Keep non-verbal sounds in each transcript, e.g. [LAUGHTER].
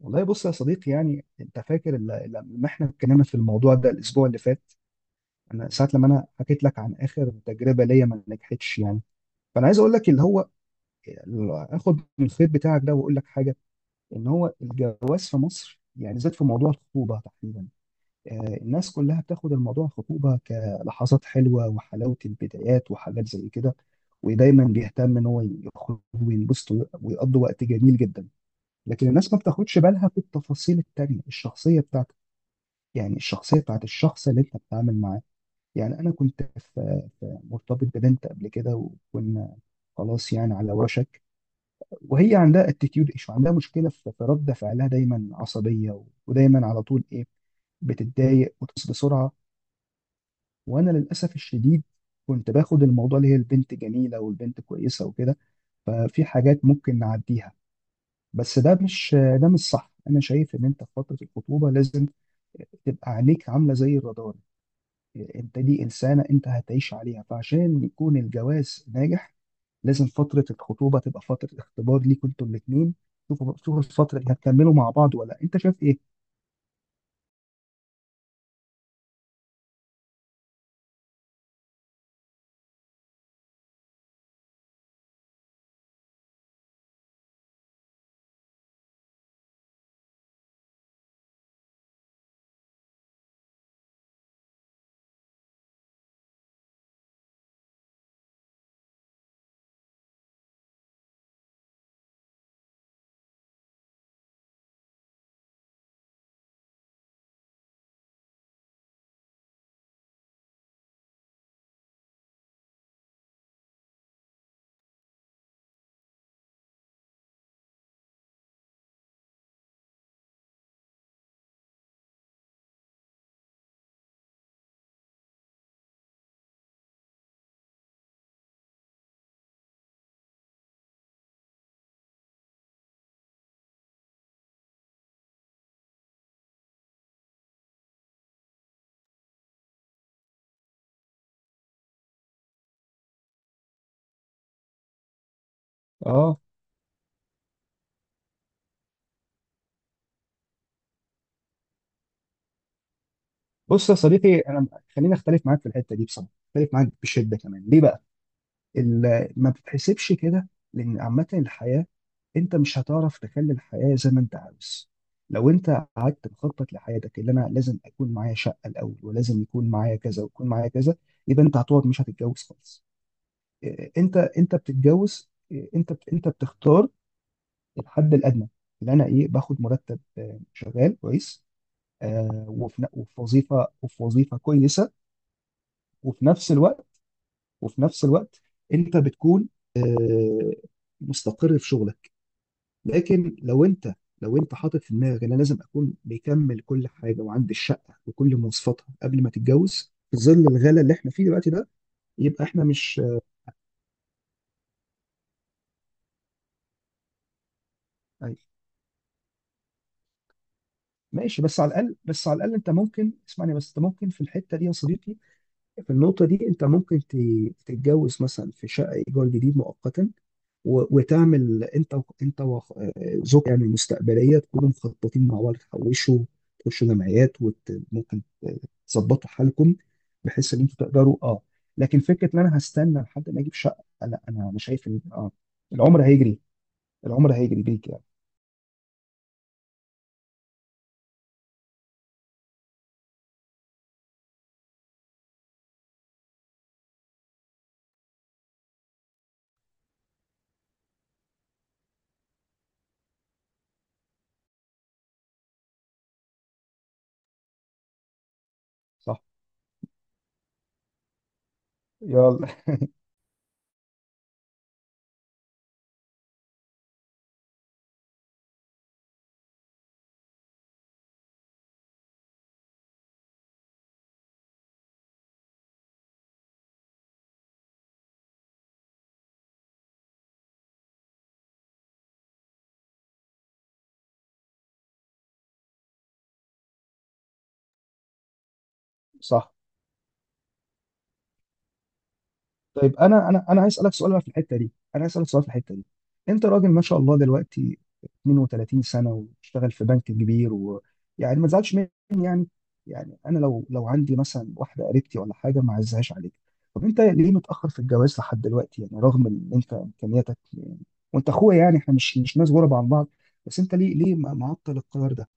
والله بص يا صديقي يعني انت فاكر لما احنا اتكلمنا في الموضوع ده الاسبوع اللي فات. انا ساعه لما انا حكيت لك عن اخر تجربه ليا ما نجحتش يعني، فانا عايز اقول لك اللي هو اللي اخد من الخيط بتاعك ده واقول لك حاجه. ان هو الجواز في مصر يعني زاد، في موضوع الخطوبه تحديدا الناس كلها بتاخد الموضوع الخطوبه كلحظات حلوه وحلاوه البدايات وحاجات زي كده، ودايما بيهتم ان هو يخرج وينبسط ويقضي وقت جميل جدا. لكن الناس ما بتاخدش بالها في التفاصيل التانيه، الشخصيه بتاعته يعني الشخصيه بتاعت الشخص اللي انت بتتعامل معاه. يعني انا كنت في مرتبط ببنت قبل كده، وكنا خلاص يعني على وشك، وهي عندها اتيتيود ايشو، عندها مشكله في رد فعلها، دايما عصبيه و- ودايما على طول ايه، بتتضايق وتصل بسرعه. وانا للاسف الشديد كنت باخد الموضوع اللي هي البنت جميله والبنت كويسه وكده، ففي حاجات ممكن نعديها. بس ده مش صح. انا شايف ان انت في فتره الخطوبه لازم تبقى عينيك عامله زي الرادار. انت دي انسانه انت هتعيش عليها، فعشان يكون الجواز ناجح لازم فتره الخطوبه تبقى فتره اختبار ليكوا انتوا الاثنين. شوفوا شوفوا الفتره دي هتكملوا مع بعض ولا لأ. انت شايف ايه؟ اه. بص يا صديقي انا خليني اختلف معاك في الحته دي، بصراحه اختلف معاك بشده كمان. ليه بقى؟ ما بتتحسبش كده، لان عامه الحياه انت مش هتعرف تخلي الحياه زي ما انت عاوز. لو انت قعدت مخطط لحياتك اللي انا لازم اكون معايا شقه الاول، ولازم يكون معايا كذا، ويكون معايا كذا، يبقى انت هتقعد مش هتتجوز خالص. انت بتتجوز، انت بتختار الحد الادنى، اللي انا ايه باخد مرتب، شغال كويس، وفي وظيفه، وفي وظيفه كويسه. وفي نفس الوقت وفي نفس الوقت انت بتكون آه، مستقر في شغلك. لكن لو انت لو انت حاطط في دماغك ان انا لازم اكون بيكمل كل حاجه وعندي الشقه وكل مواصفاتها قبل ما تتجوز في ظل الغلا اللي احنا فيه دلوقتي ده، يبقى احنا مش. آه، ماشي بس على الاقل، بس على الاقل انت ممكن اسمعني، بس انت ممكن في الحته دي يا صديقي، في النقطه دي انت تتجوز مثلا في شقه ايجار جديد مؤقتا، و- وتعمل انت زوجتك يعني المستقبليه تكونوا مخططين مع بعض، تحوشوا، تخشوا جمعيات، وممكن تظبطوا حالكم بحيث ان انتوا تقدروا. اه لكن فكره ان انا هستنى لحد ما اجيب شقه، لا. انا شايف ان العمر هيجري، العمر هيجري بيك يعني. صح. يلا. [LAUGHS] صح. طيب انا عايز اسالك سؤال بقى في الحته دي، انا عايز اسالك سؤال في الحته دي. انت راجل ما شاء الله دلوقتي 32 سنه، واشتغل في بنك كبير، ويعني ما تزعلش مني يعني. يعني انا لو عندي مثلا واحده قريبتي ولا حاجه، ما اعزهاش عليك، طب انت ليه متاخر في الجواز لحد دلوقتي يعني، رغم ان انت امكانياتك يعني، وانت اخويا يعني احنا مش ناس غرب عن بعض. بس انت ليه معطل القرار ده؟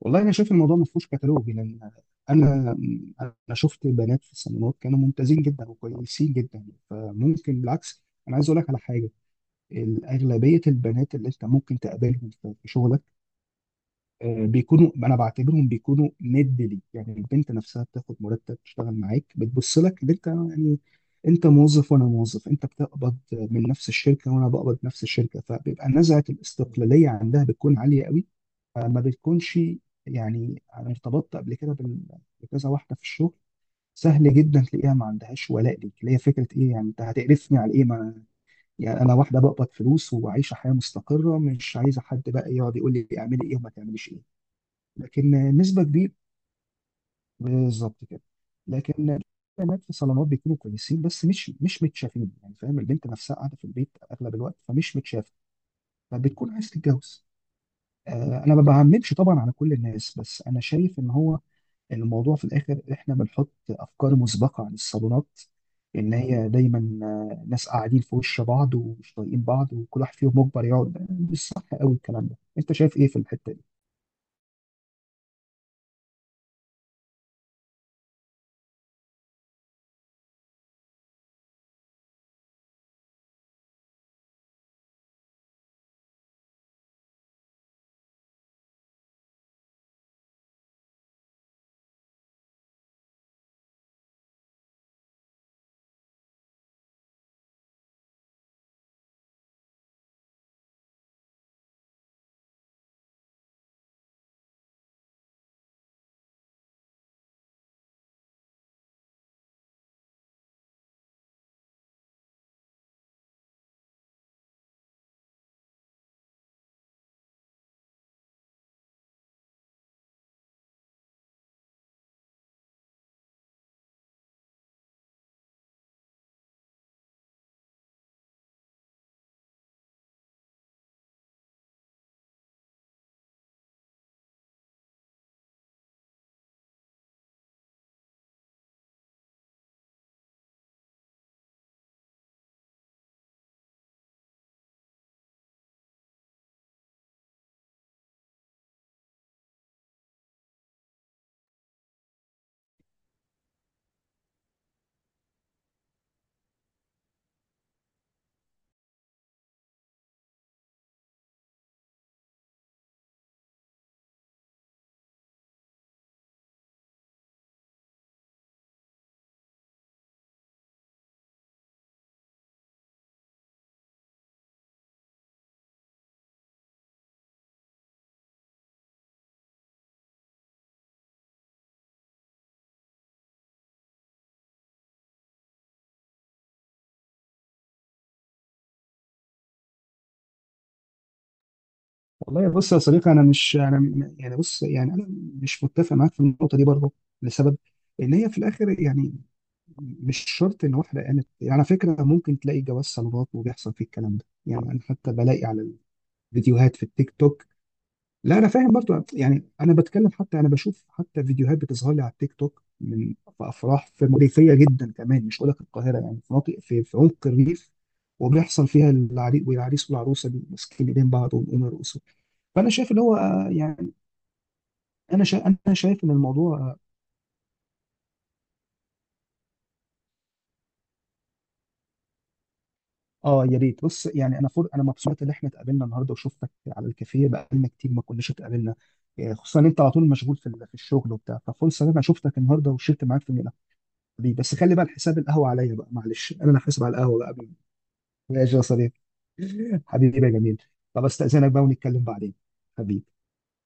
والله انا شايف الموضوع ما فيهوش كتالوج، لان انا انا شفت بنات في الصالونات كانوا ممتازين جدا وكويسين جدا، فممكن بالعكس انا عايز اقول لك على حاجه. اغلبيه البنات اللي انت ممكن تقابلهم في شغلك بيكونوا، انا بعتبرهم بيكونوا ند ليك. يعني البنت نفسها بتاخد مرتب، تشتغل معاك، بتبص لك ان انت يعني انت موظف وانا موظف، انت بتقبض من نفس الشركه وانا بقبض من نفس الشركه، فبيبقى نزعه الاستقلاليه عندها بتكون عاليه قوي. فما بتكونش يعني. انا ارتبطت قبل كده بكذا واحده في الشغل، سهل جدا تلاقيها ما عندهاش ولاء ليك، اللي هي فكره ايه، يعني انت هتقرفني على ايه ما، يعني انا واحده بقبض فلوس وعايشه حياه مستقره، مش عايزه حد بقى يقعد يقول لي اعملي ايه وما تعمليش ايه. لكن نسبة كبيرة، بالظبط كده. لكن البنات في صالونات بيكونوا كويسين، بس مش متشافين يعني، فاهم؟ البنت نفسها قاعدة في البيت أغلب الوقت فمش متشافة، فبتكون عايز تتجوز. أنا ما بعممش طبعا على كل الناس، بس أنا شايف إن هو الموضوع في الآخر إحنا بنحط أفكار مسبقة عن الصالونات، إن هي دايما ناس قاعدين في وش بعض ومش طايقين بعض، وكل واحد فيهم مجبر يقعد. مش صح قوي الكلام ده. أنت شايف إيه في الحتة دي؟ والله بص يا صديقي انا مش انا يعني بص يعني انا مش متفق معاك في النقطه دي برضه، لسبب ان هي في الاخر يعني مش شرط ان واحده قامت يعني. على فكره ممكن تلاقي جواز صالونات وبيحصل فيه الكلام ده، يعني انا حتى بلاقي على الفيديوهات في التيك توك. لا انا فاهم برضو، يعني انا بتكلم، حتى انا بشوف حتى فيديوهات بتظهر لي على التيك توك من في افراح في ريفيه جدا كمان، مش هقول لك القاهره يعني، في مناطق في عمق الريف، وبيحصل فيها العريس والعريس والعروسه ماسكين ايدين بعض، ويقوموا يرقصوا. فانا شايف اللي هو يعني انا شايف ان الموضوع يا ريت. بص يعني انا مبسوط ان احنا اتقابلنا النهارده وشفتك على الكافيه، بقالنا كتير ما كناش اتقابلنا، خصوصا ان انت على طول مشغول في الشغل وبتاع، ففرصه ان انا شفتك النهارده وشربت معاك في بيه. بس خلي بقى الحساب القهوه عليا بقى، معلش انا اللي هحاسب على القهوه بقى. ماشي يا صديقي. [LAUGHS] حبيبي يا جميل. طب استاذنك بقى ونتكلم بعدين. حبيبي.